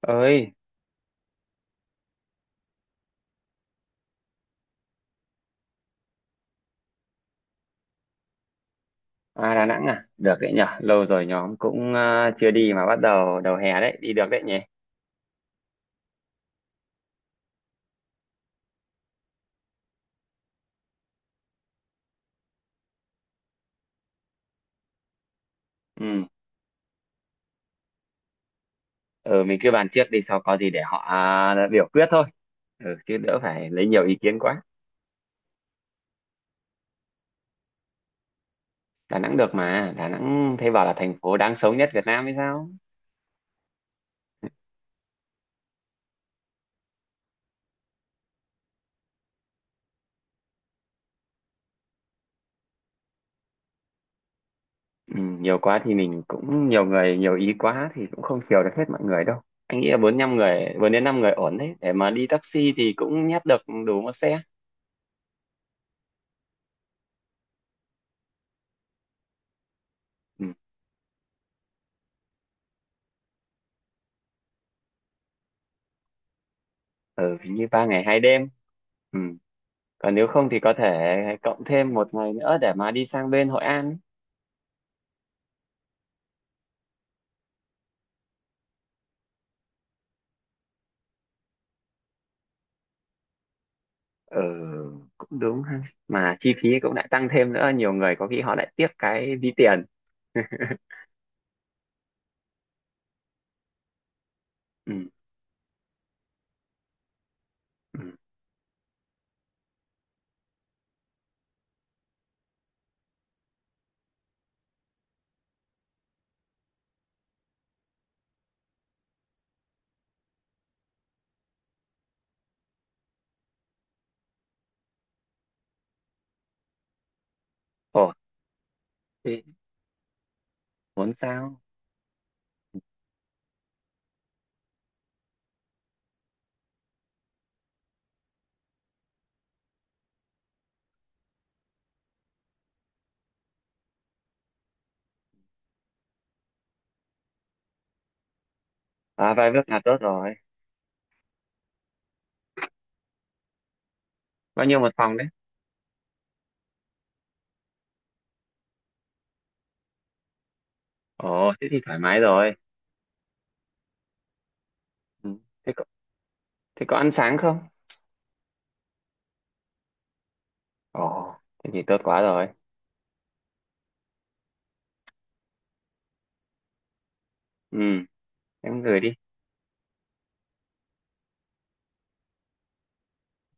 Ơi à, Đà Nẵng à, được đấy nhở, lâu rồi nhóm cũng chưa đi mà bắt đầu đầu hè đấy đi được đấy nhỉ. Ừ ừ mình cứ bàn trước đi, sau có gì để họ biểu quyết thôi. Ừ, chứ đỡ phải lấy nhiều ý kiến quá. Đà Nẵng được mà, Đà Nẵng thấy bảo là thành phố đáng sống nhất Việt Nam hay sao. ừ, Nhiều quá thì mình cũng, nhiều người nhiều ý quá thì cũng không chiều được hết mọi người đâu. Anh nghĩ là bốn năm người, bốn đến năm người ổn đấy, để mà đi taxi thì cũng nhét được đủ một xe. Ừ, ừ hình như ba ngày hai đêm. Ừ, còn nếu không thì có thể cộng thêm một ngày nữa để mà đi sang bên Hội An ấy. Ừ, cũng đúng ha, mà chi phí cũng lại tăng thêm nữa, nhiều người có khi họ lại tiếc cái ví tiền. Ừ. Ừ. Ồ, thế muốn sao? À, vài bước là tốt rồi. Bao nhiêu một phòng đấy? Ồ, thế thì thoải mái rồi. Ừ. Thế có, thế có ăn sáng không? Ồ, thế thì tốt quá rồi. Ừ, em gửi đi.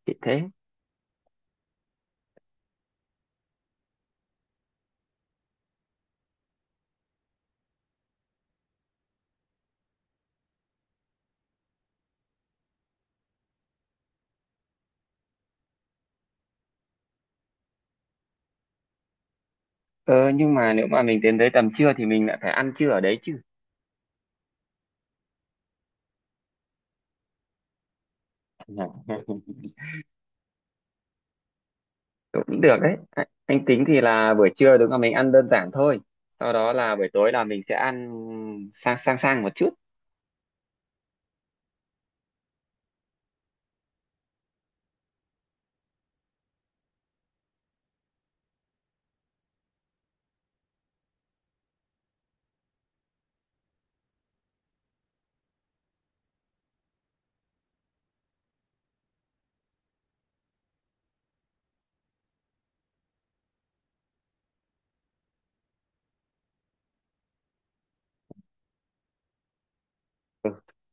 Chị thế. Ờ, nhưng mà nếu mà mình đến tới tầm trưa thì mình lại phải ăn trưa ở đấy chứ. Cũng được đấy, anh tính thì là buổi trưa đúng là mình ăn đơn giản thôi, sau đó là buổi tối là mình sẽ ăn sang sang sang một chút. Ừ,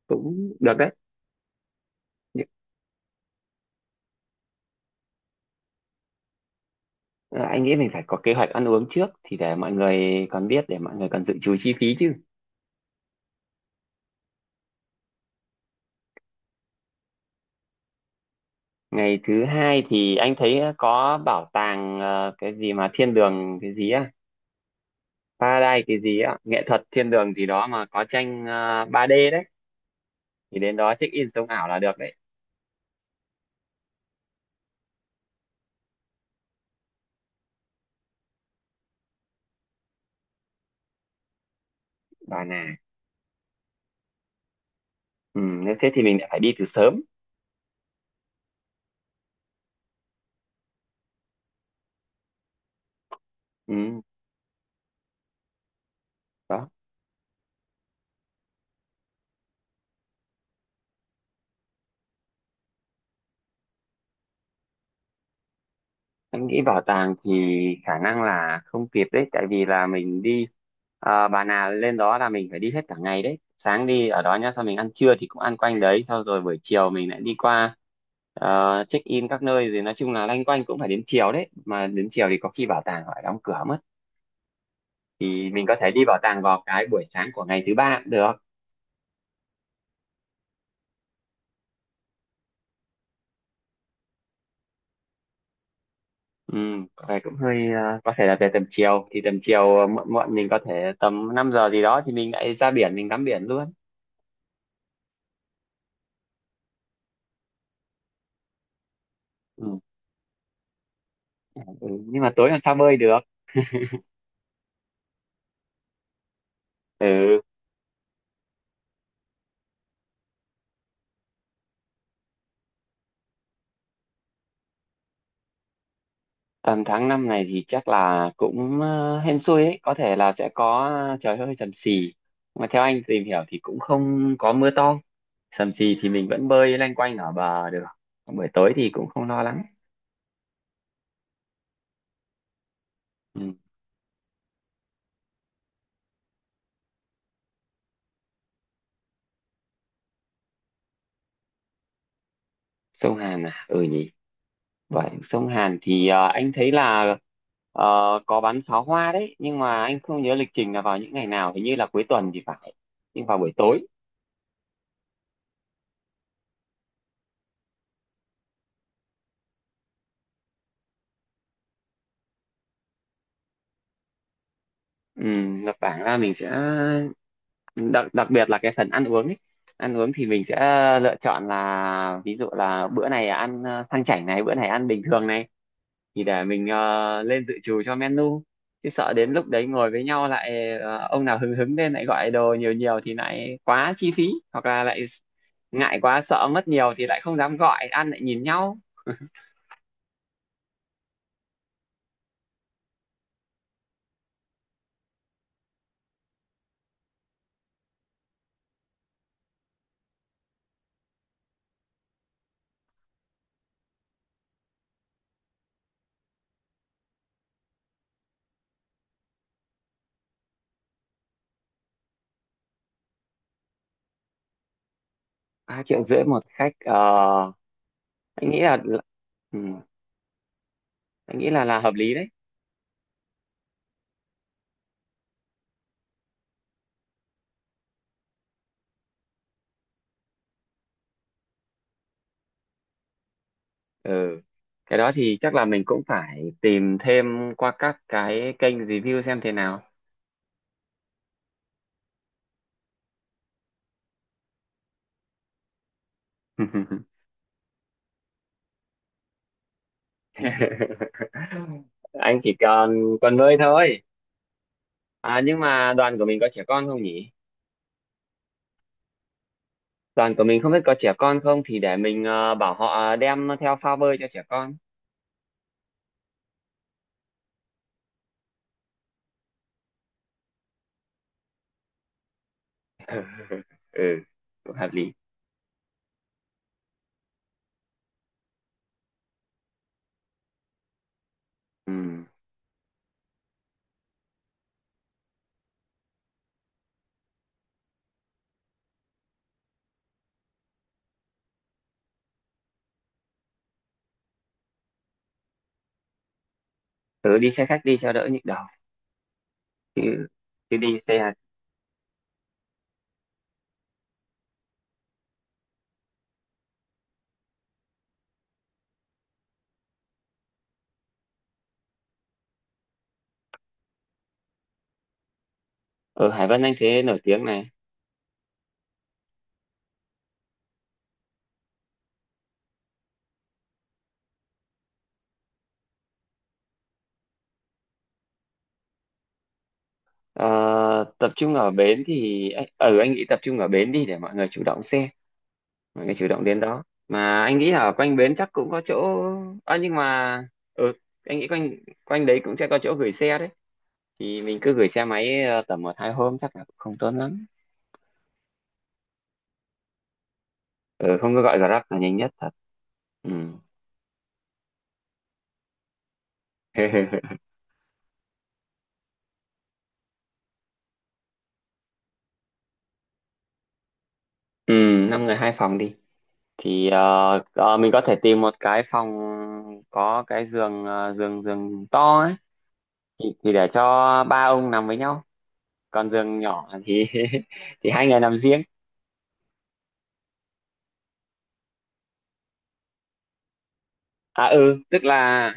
cũng được đấy. Nhưng, ờ, anh nghĩ mình phải có kế hoạch ăn uống trước thì để mọi người còn biết, để mọi người còn dự trù chi phí chứ. Ngày thứ hai thì anh thấy có bảo tàng cái gì mà thiên đường cái gì á, Paradise cái gì á, nghệ thuật thiên đường gì đó mà có tranh 3D đấy, thì đến đó check in sống ảo là được đấy. Bà Nà. Ừ, nếu thế thì mình lại phải đi từ sớm. Ừ đó. Em nghĩ bảo tàng thì khả năng là không kịp đấy, tại vì là mình đi à, bà nào lên đó là mình phải đi hết cả ngày đấy. Sáng đi ở đó nhá, sau mình ăn trưa thì cũng ăn quanh đấy, sau rồi buổi chiều mình lại đi qua check in các nơi rồi nói chung là loanh quanh cũng phải đến chiều đấy. Mà đến chiều thì có khi bảo tàng họ lại đóng cửa mất, thì mình có thể đi bảo tàng vào cái buổi sáng của ngày thứ ba cũng được. Ừ, có vẻ cũng hơi có thể là về tầm chiều, thì tầm chiều muộn muộn mình có thể tầm 5 giờ gì đó thì mình lại ra biển mình tắm biển luôn. Ừ. Ừ, nhưng mà tối làm sao bơi được. Ừ tầm tháng 5 này thì chắc là cũng hên xui ấy, có thể là sẽ có trời hơi sầm xì, mà theo anh tìm hiểu thì cũng không có mưa to, sầm xì thì mình vẫn bơi lanh quanh ở bờ được, buổi tối thì cũng không lo lắng. Ừ. Sông Hàn à, ừ nhỉ. Vậy sông Hàn thì anh thấy là ờ, có bắn pháo hoa đấy, nhưng mà anh không nhớ lịch trình là vào những ngày nào, hình như là cuối tuần thì phải, nhưng vào buổi tối. Ừ, là bảng ra mình sẽ đặc đặc biệt là cái phần ăn uống ấy. Ăn uống thì mình sẽ lựa chọn là ví dụ là bữa này ăn sang chảnh này, bữa này ăn bình thường này, thì để mình lên dự trù cho menu, chứ sợ đến lúc đấy ngồi với nhau lại ông nào hứng hứng lên lại gọi đồ nhiều nhiều thì lại quá chi phí, hoặc là lại ngại quá sợ mất nhiều thì lại không dám gọi ăn, lại nhìn nhau. 3,5 triệu một khách ờ, anh nghĩ là, ừ, anh nghĩ là hợp lý đấy. Ừ, cái đó thì chắc là mình cũng phải tìm thêm qua các cái kênh review xem thế nào. Anh chỉ còn còn nuôi thôi. À nhưng mà đoàn của mình có trẻ con không nhỉ? Đoàn của mình không biết có trẻ con không, thì để mình bảo họ đem theo phao bơi cho trẻ con. Ừ cũng hợp lý. Ừ tớ đi xe khách đi cho đỡ nhức đầu, chứ, chứ đi xe. Ở Hải Vân anh thế nổi tiếng này. Ờ, tập trung ở bến thì ừ anh nghĩ tập trung ở bến đi, để mọi người chủ động xe, mọi người chủ động đến đó, mà anh nghĩ ở quanh bến chắc cũng có chỗ. À, nhưng mà ừ anh nghĩ quanh quanh đấy cũng sẽ có chỗ gửi xe đấy, thì mình cứ gửi xe máy tầm một hai hôm chắc là cũng không tốn lắm. Ừ không cứ gọi Grab là nhanh nhất thật. Ừ. Ừ, năm người hai phòng đi, thì mình có thể tìm một cái phòng có cái giường ờ, giường giường to ấy, thì để cho ba ông nằm với nhau, còn giường nhỏ thì thì hai người nằm riêng. À ừ tức là,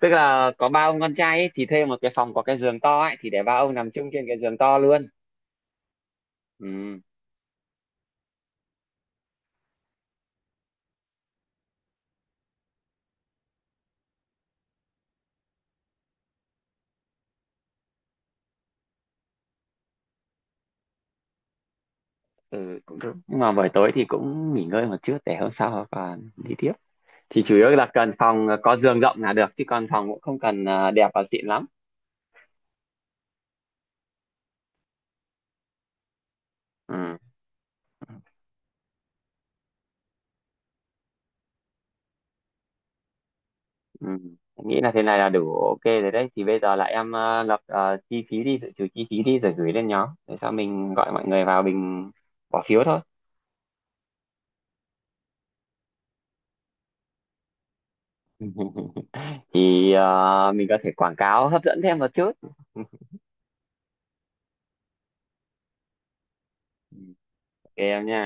tức là có ba ông con trai ấy, thì thuê một cái phòng có cái giường to ấy thì để ba ông nằm chung trên cái giường to luôn. Ừ, ừ cũng được, nhưng mà buổi tối thì cũng nghỉ ngơi một chút để hôm sau còn đi tiếp, thì chủ yếu là cần phòng có giường rộng là được, chứ còn phòng cũng không cần à, đẹp và xịn lắm. Ừ. Ừ. Em nghĩ là thế này là đủ ok rồi đấy, thì bây giờ là em lập chi phí đi, dự trù chi phí đi, rồi gửi lên nhóm để sau mình gọi mọi người vào mình bỏ phiếu thôi. Thì mình có thể quảng cáo hấp dẫn thêm một chút. Ừ, ok em nha.